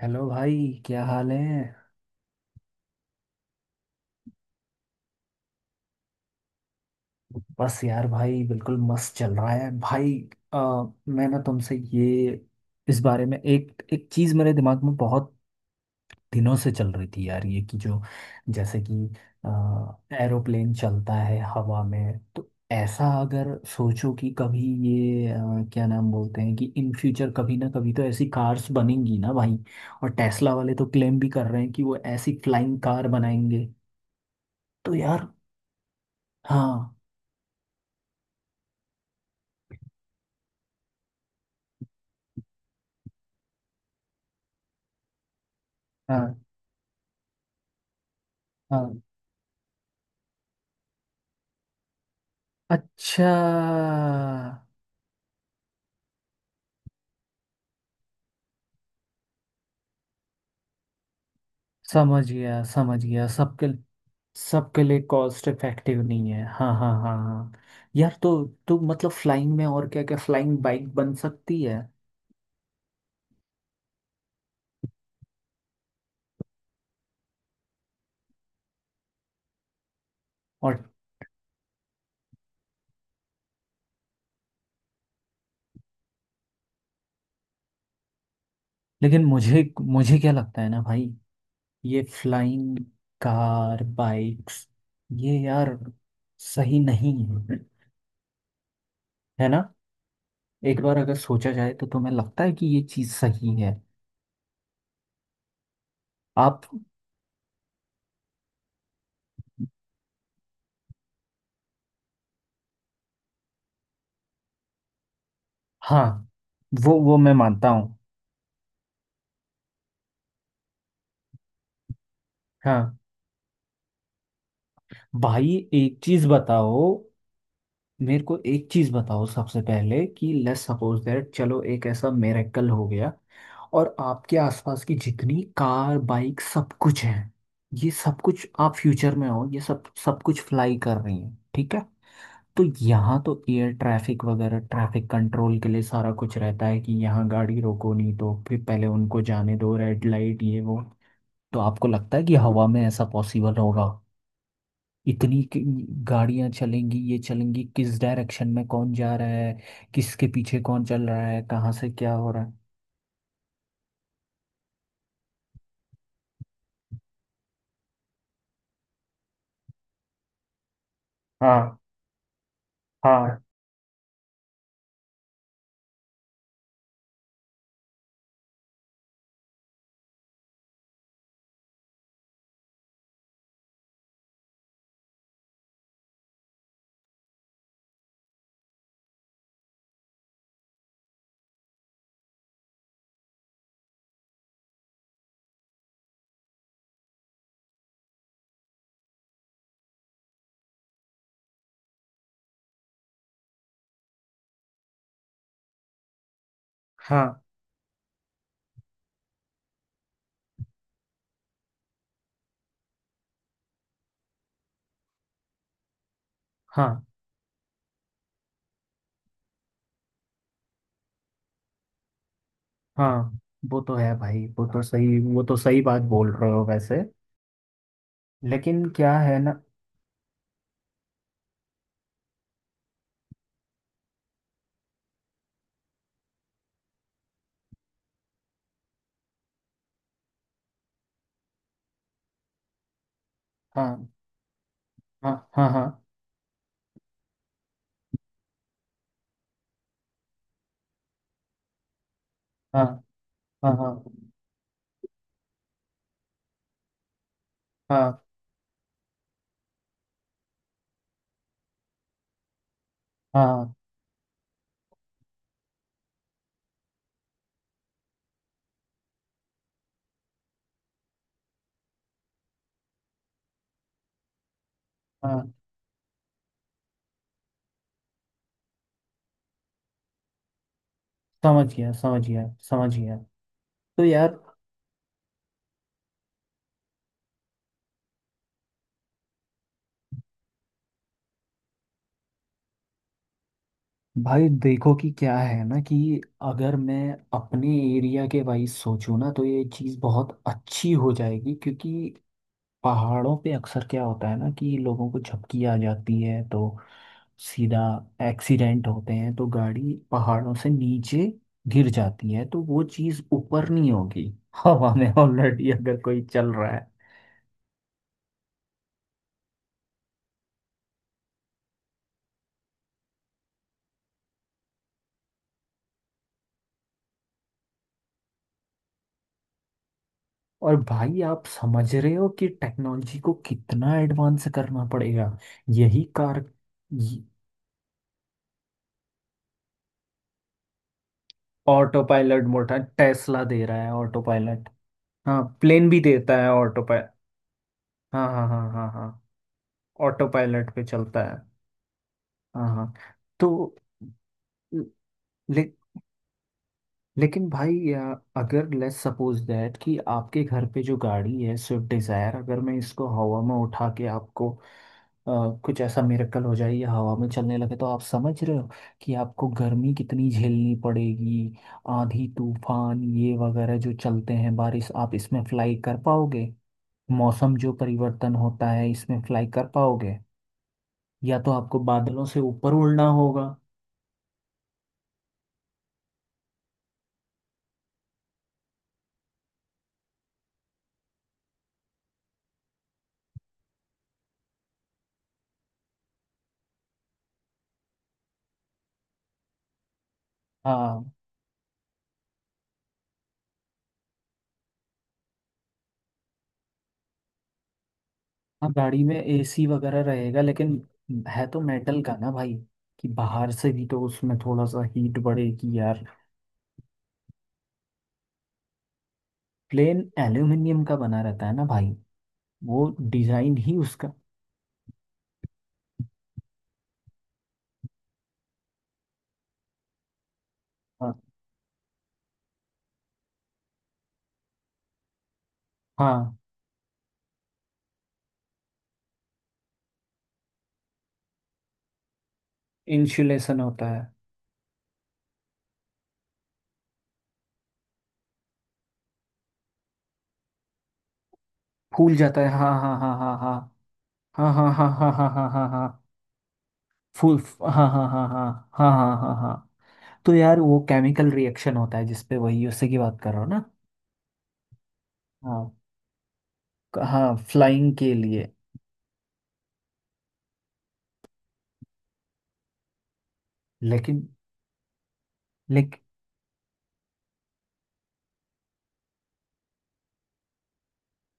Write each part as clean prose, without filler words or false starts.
Hello भाई। क्या हाल है। बस यार भाई बिल्कुल मस्त चल रहा है भाई। आ, मैं ना तुमसे ये इस बारे में एक एक चीज़ मेरे दिमाग में बहुत दिनों से चल रही थी यार, ये कि जो जैसे कि एरोप्लेन चलता है हवा में, तो ऐसा अगर सोचो कि कभी ये क्या नाम बोलते हैं, कि इन फ्यूचर कभी ना कभी तो ऐसी कार्स बनेंगी ना भाई। और टेस्ला वाले तो क्लेम भी कर रहे हैं कि वो ऐसी फ्लाइंग कार बनाएंगे। तो यार, हाँ। हाँ। हाँ। अच्छा। समझ गया, समझ गया, सबके सबके लिए कॉस्ट इफेक्टिव नहीं है, हाँ हाँ हाँ हाँ। यार तो मतलब फ्लाइंग में और क्या क्या, फ्लाइंग बाइक बन सकती है। और लेकिन मुझे मुझे क्या लगता है ना भाई, ये फ्लाइंग कार बाइक्स ये यार सही नहीं है। है ना। एक बार अगर सोचा जाए तो तुम्हें लगता है कि ये चीज़ सही है आप। हाँ, वो मैं मानता हूँ। हाँ भाई, एक चीज बताओ। मेरे को एक चीज बताओ सबसे पहले कि लेट्स सपोज दैट, चलो एक ऐसा मिरेकल हो गया और आपके आसपास की जितनी कार बाइक सब कुछ है, ये सब कुछ आप फ्यूचर में हो, ये सब सब कुछ फ्लाई कर रही है, ठीक है। तो यहाँ तो एयर ट्रैफिक वगैरह, ट्रैफिक कंट्रोल के लिए सारा कुछ रहता है कि यहाँ गाड़ी रोको, नहीं तो फिर पहले उनको जाने दो, रेड लाइट ये वो। तो आपको लगता है कि हवा में ऐसा पॉसिबल होगा, इतनी कि- गाड़ियां चलेंगी, ये चलेंगी किस डायरेक्शन में, कौन जा रहा है, किसके पीछे कौन चल रहा है, कहाँ से क्या हो रहा है। हाँ हाँ। हाँ हाँ हाँ। वो तो है भाई, वो तो सही, वो तो सही बात बोल रहे हो वैसे, लेकिन क्या है ना। हाँ हाँ हाँ हाँ हाँ हाँ हाँ हाँ हाँ हाँ। समझ गया, समझ गया, समझ गया। तो यार भाई देखो कि क्या है ना, कि अगर मैं अपने एरिया के वाइज सोचूं ना, तो ये चीज़ बहुत अच्छी हो जाएगी, क्योंकि पहाड़ों पे अक्सर क्या होता है ना कि लोगों को झपकी आ जाती है, तो सीधा एक्सीडेंट होते हैं, तो गाड़ी पहाड़ों से नीचे गिर जाती है, तो वो चीज़ ऊपर नहीं होगी हवा में ऑलरेडी अगर कोई चल रहा है। और भाई आप समझ रहे हो कि टेक्नोलॉजी को कितना एडवांस करना पड़ेगा, यही कार। ऑटो पायलट मोटा टेस्ला दे रहा है ऑटो पायलट। हाँ, प्लेन भी देता है ऑटो पायलट। हाँ हाँ हाँ हाँ हाँ। ऑटो पायलट पे चलता है। हाँ हाँ। तो ले, लेकिन भाई, अगर लेट्स सपोज दैट कि आपके घर पे जो गाड़ी है स्विफ्ट डिज़ायर, अगर मैं इसको हवा में उठा के आपको कुछ ऐसा मिरेकल हो जाए या हवा में चलने लगे, तो आप समझ रहे हो कि आपको गर्मी कितनी झेलनी पड़ेगी। आंधी तूफान ये वगैरह जो चलते हैं, बारिश, आप इसमें फ्लाई कर पाओगे। मौसम जो परिवर्तन होता है, इसमें फ्लाई कर पाओगे, या तो आपको बादलों से ऊपर उड़ना होगा। हाँ। हाँ, गाड़ी में एसी वगैरह रहेगा, लेकिन है तो मेटल का ना भाई, कि बाहर से भी तो उसमें थोड़ा सा हीट बढ़े, कि यार। प्लेन एल्यूमिनियम का बना रहता है ना भाई, वो डिजाइन ही उसका। हाँ हाँ, इंसुलेशन होता है। फूल जाता है, हाँ हाँ हाँ हाँ हाँ हाँ हाँ हाँ हाँ हाँ हाँ हाँ हाँ। फूल, हाँ हाँ हाँ हाँ हाँ हाँ हाँ हाँ। तो यार वो केमिकल रिएक्शन होता है जिसपे वही उसी की बात कर रहा हो ना। हाँ। हाँ, फ्लाइंग के लिए। लेकिन, लेकिन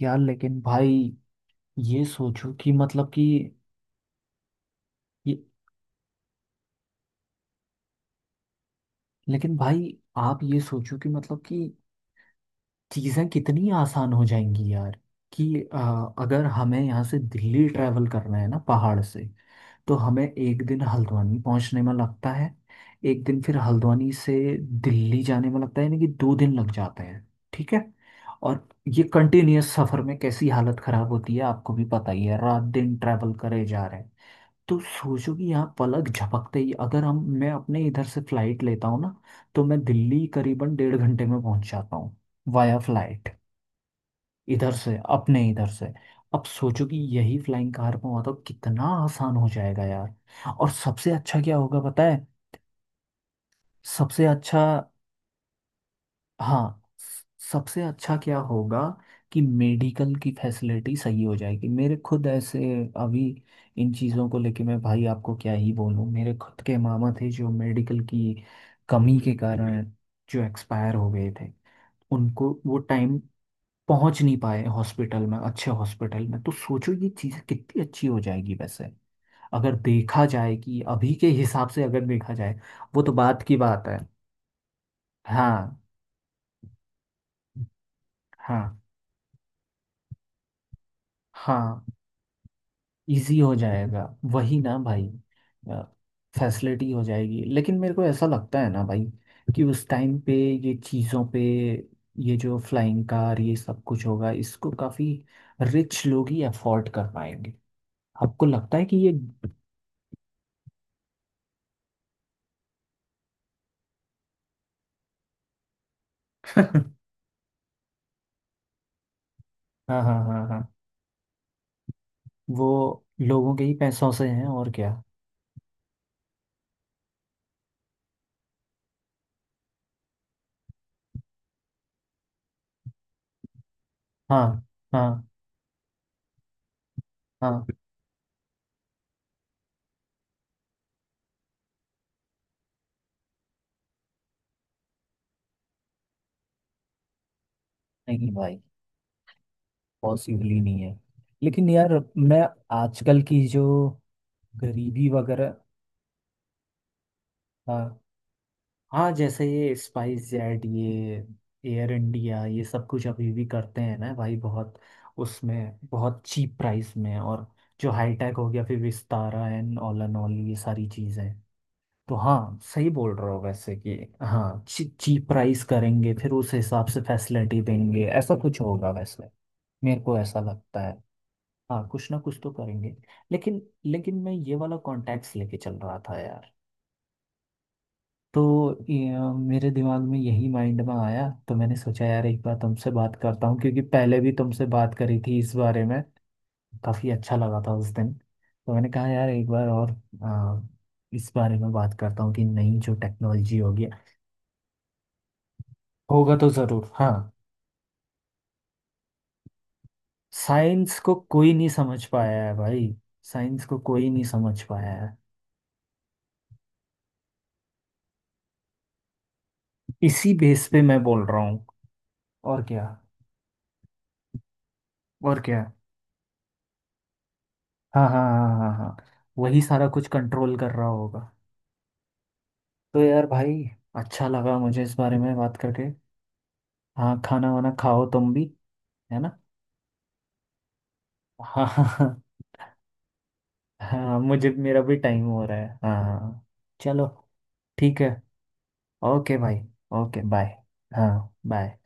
यार, लेकिन भाई ये सोचो कि मतलब कि, ये, लेकिन भाई आप ये सोचो कि मतलब कि चीज़ें कितनी आसान हो जाएंगी यार। कि अगर हमें यहाँ से दिल्ली ट्रैवल करना है ना पहाड़ से, तो हमें एक दिन हल्द्वानी पहुँचने में लगता है, एक दिन फिर हल्द्वानी से दिल्ली जाने में लगता है, यानी कि दो दिन लग जाते हैं, ठीक है। और ये कंटिन्यूअस सफ़र में कैसी हालत ख़राब होती है, आपको भी पता ही है, रात दिन ट्रैवल करे जा रहे हैं। तो सोचो कि यहाँ पलक झपकते ही अगर हम मैं अपने इधर से फ्लाइट लेता हूँ ना, तो मैं दिल्ली करीबन डेढ़ घंटे में पहुंच जाता हूँ, वाया फ्लाइट, इधर से, अपने इधर से। अब सोचो कि यही फ्लाइंग कार में हुआ तो कितना आसान हो जाएगा यार। और सबसे अच्छा क्या होगा पता है। सबसे अच्छा, हाँ सबसे अच्छा क्या होगा, कि मेडिकल की फैसिलिटी सही हो जाएगी। मेरे खुद ऐसे अभी इन चीज़ों को लेके मैं भाई आपको क्या ही बोलूँ, मेरे खुद के मामा थे जो मेडिकल की कमी के कारण जो एक्सपायर हो गए थे, उनको वो टाइम पहुंच नहीं पाए हॉस्पिटल में, अच्छे हॉस्पिटल में। तो सोचो ये चीज़ें कितनी अच्छी हो जाएगी वैसे, अगर देखा जाए कि अभी के हिसाब से अगर देखा जाए, वो तो बात की बात है। हाँ हाँ हाँ। इजी हो जाएगा। वही ना भाई, फैसिलिटी हो जाएगी, लेकिन मेरे को ऐसा लगता है ना भाई, कि उस टाइम पे ये चीज़ों पे, ये जो फ्लाइंग कार ये सब कुछ होगा, इसको काफ़ी रिच लोग ही अफोर्ड कर पाएंगे। आपको लगता है कि ये। हाँ हाँ हाँ हाँ, वो लोगों के ही पैसों से हैं, और क्या। हाँ हाँ हाँ, नहीं भाई पॉसिबल ही नहीं है। लेकिन यार मैं आजकल की जो गरीबी वगैरह। हाँ हाँ, जैसे ये स्पाइस जेट ये एयर इंडिया ये सब कुछ अभी भी करते हैं ना भाई बहुत, उसमें बहुत चीप प्राइस में। और जो हाई टेक हो गया फिर विस्तारा एंड ऑल ये सारी चीज़ें। तो हाँ, सही बोल रहे हो वैसे कि, हाँ चीप प्राइस करेंगे फिर उस हिसाब से फैसिलिटी देंगे, ऐसा कुछ होगा वैसे, मेरे को ऐसा लगता है। हाँ, कुछ ना कुछ तो करेंगे। लेकिन, लेकिन मैं ये वाला कॉन्टैक्ट्स लेके चल रहा था यार, तो मेरे दिमाग में यही माइंड में आया, तो मैंने सोचा यार एक बार तुमसे बात करता हूँ, क्योंकि पहले भी तुमसे बात करी थी इस बारे में, काफ़ी अच्छा लगा था उस दिन। तो मैंने कहा यार एक बार और अ, इस बारे में बात करता हूँ कि नई जो टेक्नोलॉजी होगी। होगा तो ज़रूर, हाँ। साइंस को कोई नहीं समझ पाया है भाई, साइंस को कोई नहीं समझ पाया है, इसी बेस पे मैं बोल रहा हूँ। और क्या। और क्या। हाँ हाँ हाँ हाँ हाँ हाँ। वही सारा कुछ कंट्रोल कर रहा होगा। तो यार भाई अच्छा लगा मुझे इस बारे में बात करके। हाँ खाना वाना खाओ तुम भी, है ना। हाँ हाँ हाँ हाँ, मुझे मेरा भी टाइम हो रहा है, हाँ हाँ। चलो ठीक है। ओके भाई। Okay bye. हाँ बाय।